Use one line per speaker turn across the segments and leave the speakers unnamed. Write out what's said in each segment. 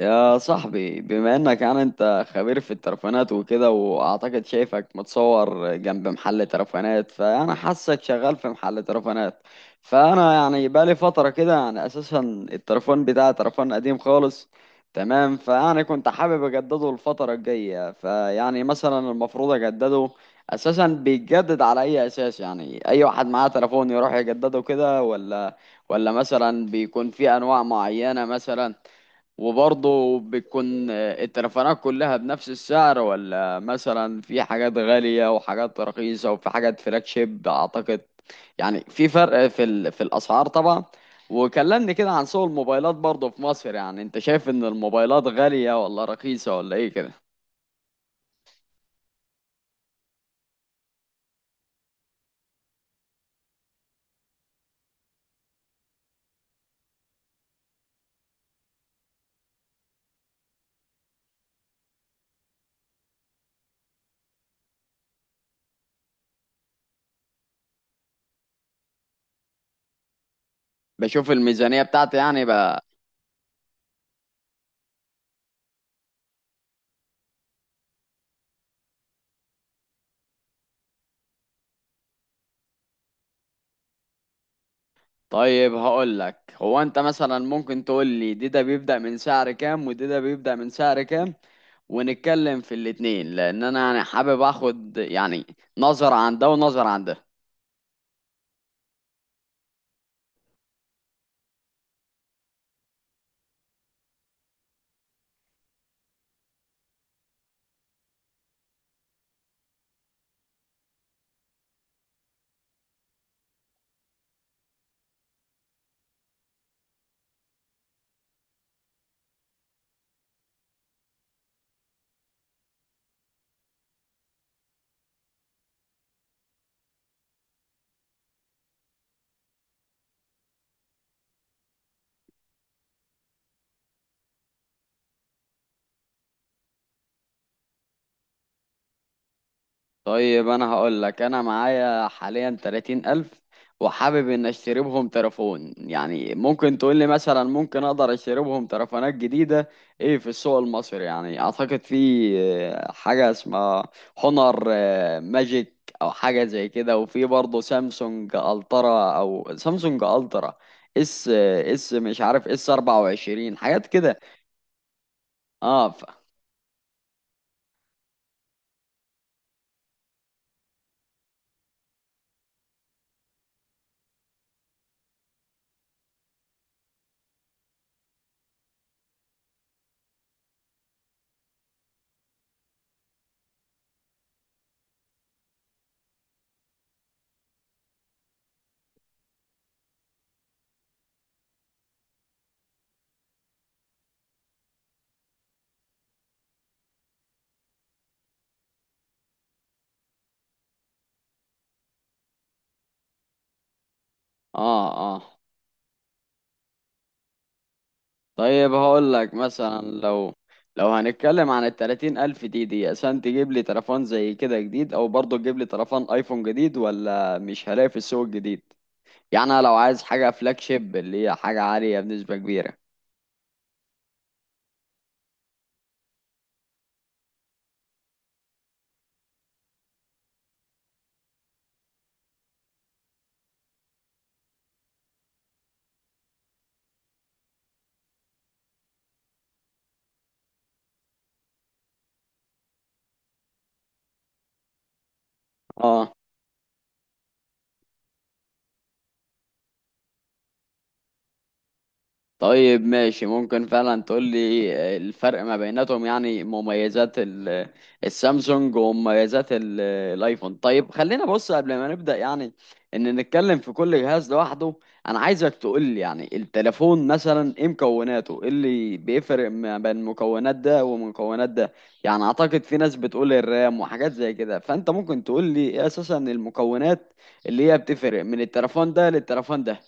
يا صاحبي، بما انك يعني انت خبير في الترفانات وكده، واعتقد شايفك متصور جنب محل ترفانات، فانا حاسك شغال في محل ترفانات. فانا يعني بقالي فترة كده يعني اساسا الترفان بتاعي ترفان قديم خالص. تمام. فيعني كنت حابب اجدده الفترة الجاية، فيعني مثلا المفروض اجدده اساسا بيتجدد على اي اساس؟ يعني اي واحد معاه تليفون يروح يجدده كده، ولا مثلا بيكون في انواع معينة مثلا. وبرضه بتكون التليفونات كلها بنفس السعر، ولا مثلا في حاجات غالية وحاجات رخيصة وفي حاجات فلاج شيب؟ أعتقد يعني في فرق في في الأسعار طبعا. وكلمني كده عن سوق الموبايلات برضه في مصر. يعني أنت شايف إن الموبايلات غالية ولا رخيصة ولا إيه كده؟ بشوف الميزانية بتاعتي يعني بقى. طيب، هقول لك، هو أنت مثلا ممكن تقول لي دي ده بيبدأ من سعر كام، ودي ده بيبدأ من سعر كام، ونتكلم في الاتنين، لان انا يعني حابب اخد يعني نظرة عن ده ونظرة عن ده. طيب، انا هقول لك، انا معايا حاليا 30000 الف، وحابب ان اشتري بهم تليفون. يعني ممكن تقول لي مثلا ممكن اقدر اشتري بهم تليفونات جديدة ايه في السوق المصري؟ يعني اعتقد في حاجة اسمها هونر ماجيك او حاجة زي كده، وفي برضه سامسونج الترا او سامسونج الترا اس اس مش عارف، اس 24 حاجات كده. اه ف... اه اه طيب هقول لك مثلا، لو هنتكلم عن التلاتين ألف دي دي عشان تجيب لي تليفون زي كده جديد، أو برضه تجيب لي تليفون أيفون جديد، ولا مش هلاقي في السوق الجديد؟ يعني أنا لو عايز حاجة فلاج شيب اللي هي حاجة عالية بنسبة كبيرة. اه، طيب ماشي، ممكن فعلا تقول لي الفرق ما بيناتهم؟ يعني مميزات السامسونج ومميزات الايفون. طيب، خلينا بص، قبل ما نبدأ يعني ان نتكلم في كل جهاز لوحده، انا عايزك تقول لي يعني التليفون مثلا ايه مكوناته، ايه اللي بيفرق ما بين مكونات ده ومكونات ده. يعني اعتقد في ناس بتقول الرام وحاجات زي كده، فانت ممكن تقول لي ايه اساسا المكونات اللي هي بتفرق من التليفون ده للتليفون ده.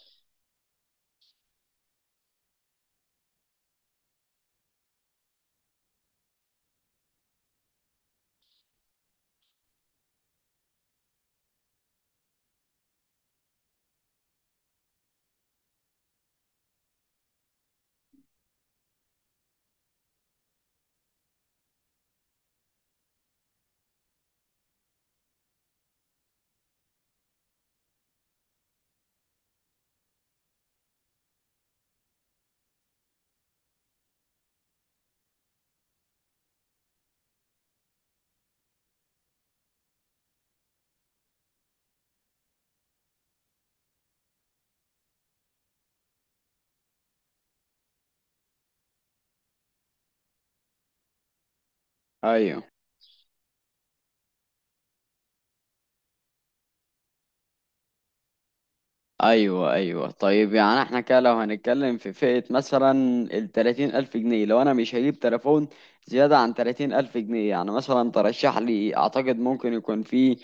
ايوه ايوه. طيب، يعني احنا كده لو هنتكلم في فئة مثلا ال 30000 الف جنيه، لو انا مش هجيب تليفون زيادة عن 30000 الف جنيه، يعني مثلا ترشح لي؟ اعتقد ممكن يكون في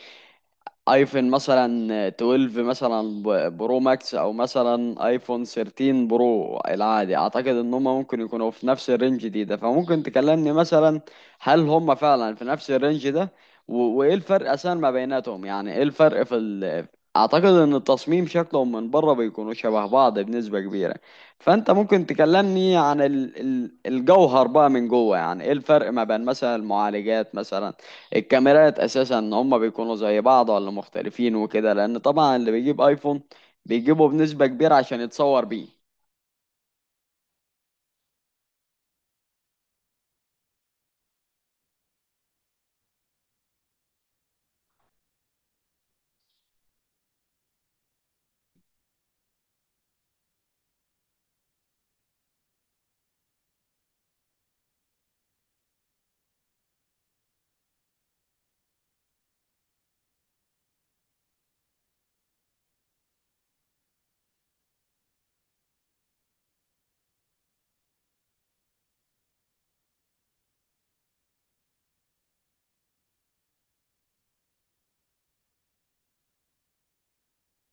ايفون مثلا 12 مثلا برو ماكس، او مثلا ايفون 13 برو العادي. اعتقد ان هم ممكن يكونوا في نفس الرينج ده، فممكن تكلمني مثلا هل هم فعلا في نفس الرينج ده؟ وايه الفرق اساسا ما بيناتهم؟ يعني ايه الفرق في اعتقد ان التصميم، شكلهم من بره بيكونوا شبه بعض بنسبة كبيرة، فانت ممكن تكلمني عن الجوهر بقى من جوه. يعني ايه الفرق ما بين مثلا المعالجات مثلا، الكاميرات، اساسا ان هم بيكونوا زي بعض ولا مختلفين وكده. لان طبعا اللي بيجيب ايفون بيجيبه بنسبة كبيرة عشان يتصور بيه.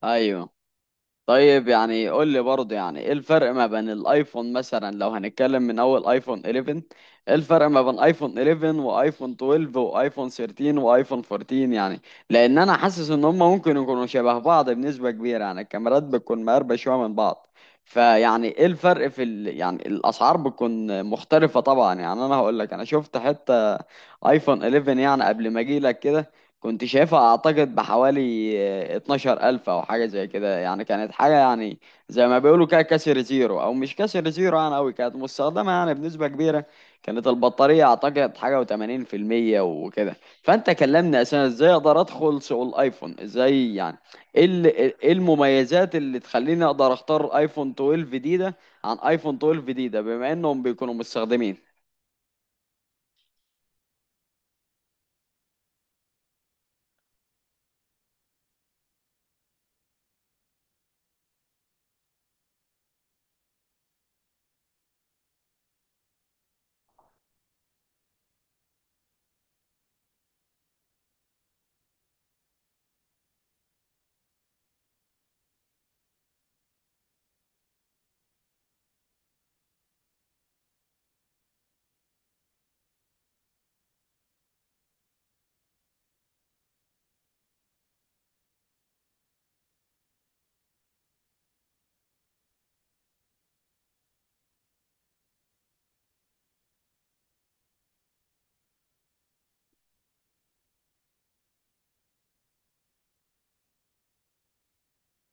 ايوه. طيب، يعني قول لي برضه يعني ايه الفرق ما بين الايفون مثلا لو هنتكلم من اول ايفون 11، ايه الفرق ما بين ايفون 11 وايفون 12 وايفون 13 وايفون 14 يعني؟ لان انا حاسس ان هم ممكن يكونوا شبه بعض بنسبة كبيرة. يعني الكاميرات بتكون مقربة شوية من بعض، فيعني ايه الفرق في يعني الاسعار بتكون مختلفة طبعا. يعني انا هقول لك، انا شفت حتى ايفون 11 يعني قبل ما اجي لك كده، كنت شايفها اعتقد بحوالي 12000 او حاجة زي كده. يعني كانت حاجة يعني زي ما بيقولوا كده كسر زيرو او مش كسر زيرو، يعني اوي كانت مستخدمة يعني بنسبة كبيرة. كانت البطارية اعتقد حاجة وثمانين% وكده. فانت كلمني اساسا ازاي اقدر ادخل سوق الايفون ازاي؟ يعني ايه ايه المميزات اللي تخليني اقدر اختار ايفون 12 ده عن ايفون 12 ده، بما انهم بيكونوا مستخدمين.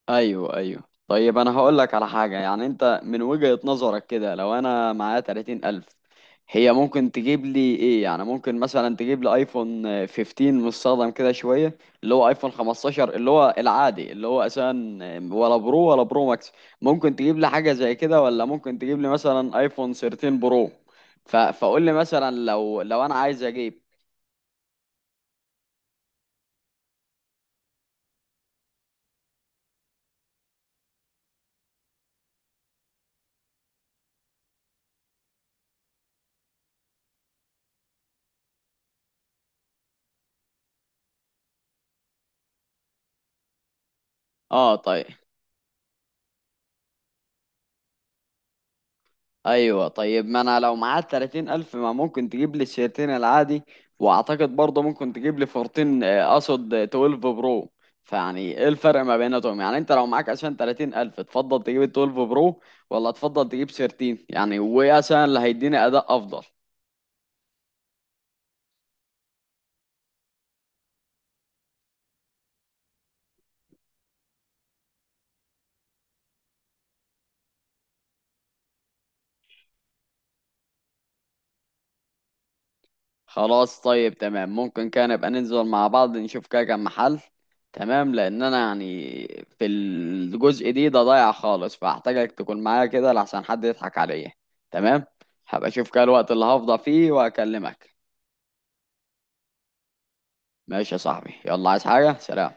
ايوه. طيب، انا هقول لك على حاجه. يعني انت من وجهه نظرك كده، لو انا معايا 30000 الف، هي ممكن تجيب لي ايه؟ يعني ممكن مثلا تجيب لي ايفون 15 مستخدم كده شويه، اللي هو ايفون 15 اللي هو العادي اللي هو اساسا، ولا برو، ولا برو ماكس؟ ممكن تجيب لي حاجه زي كده، ولا ممكن تجيب لي مثلا ايفون 13 برو؟ فقول لي مثلا، لو انا عايز اجيب. اه طيب. ايوه، طيب، ما انا لو معايا 30000 الف، ما ممكن تجيب لي الشيرتين العادي، واعتقد برضه ممكن تجيب لي فورتين، اقصد 12 برو. فيعني ايه الفرق ما بيناتهم؟ يعني انت لو معاك، عشان 30000 الف، تفضل تجيب ال 12 برو، ولا تفضل تجيب شيرتين يعني؟ وايه عشان اللي هيديني اداء افضل؟ خلاص، طيب تمام، ممكن كان نبقى ننزل مع بعض نشوف كده كام محل. تمام، لان انا يعني في الجزء ده ضايع خالص، فاحتاجك تكون معايا كده، لحسن حد يضحك عليا. تمام، هبقى اشوف كده الوقت اللي هفضى فيه واكلمك. ماشي يا صاحبي، يلا، عايز حاجة؟ سلام.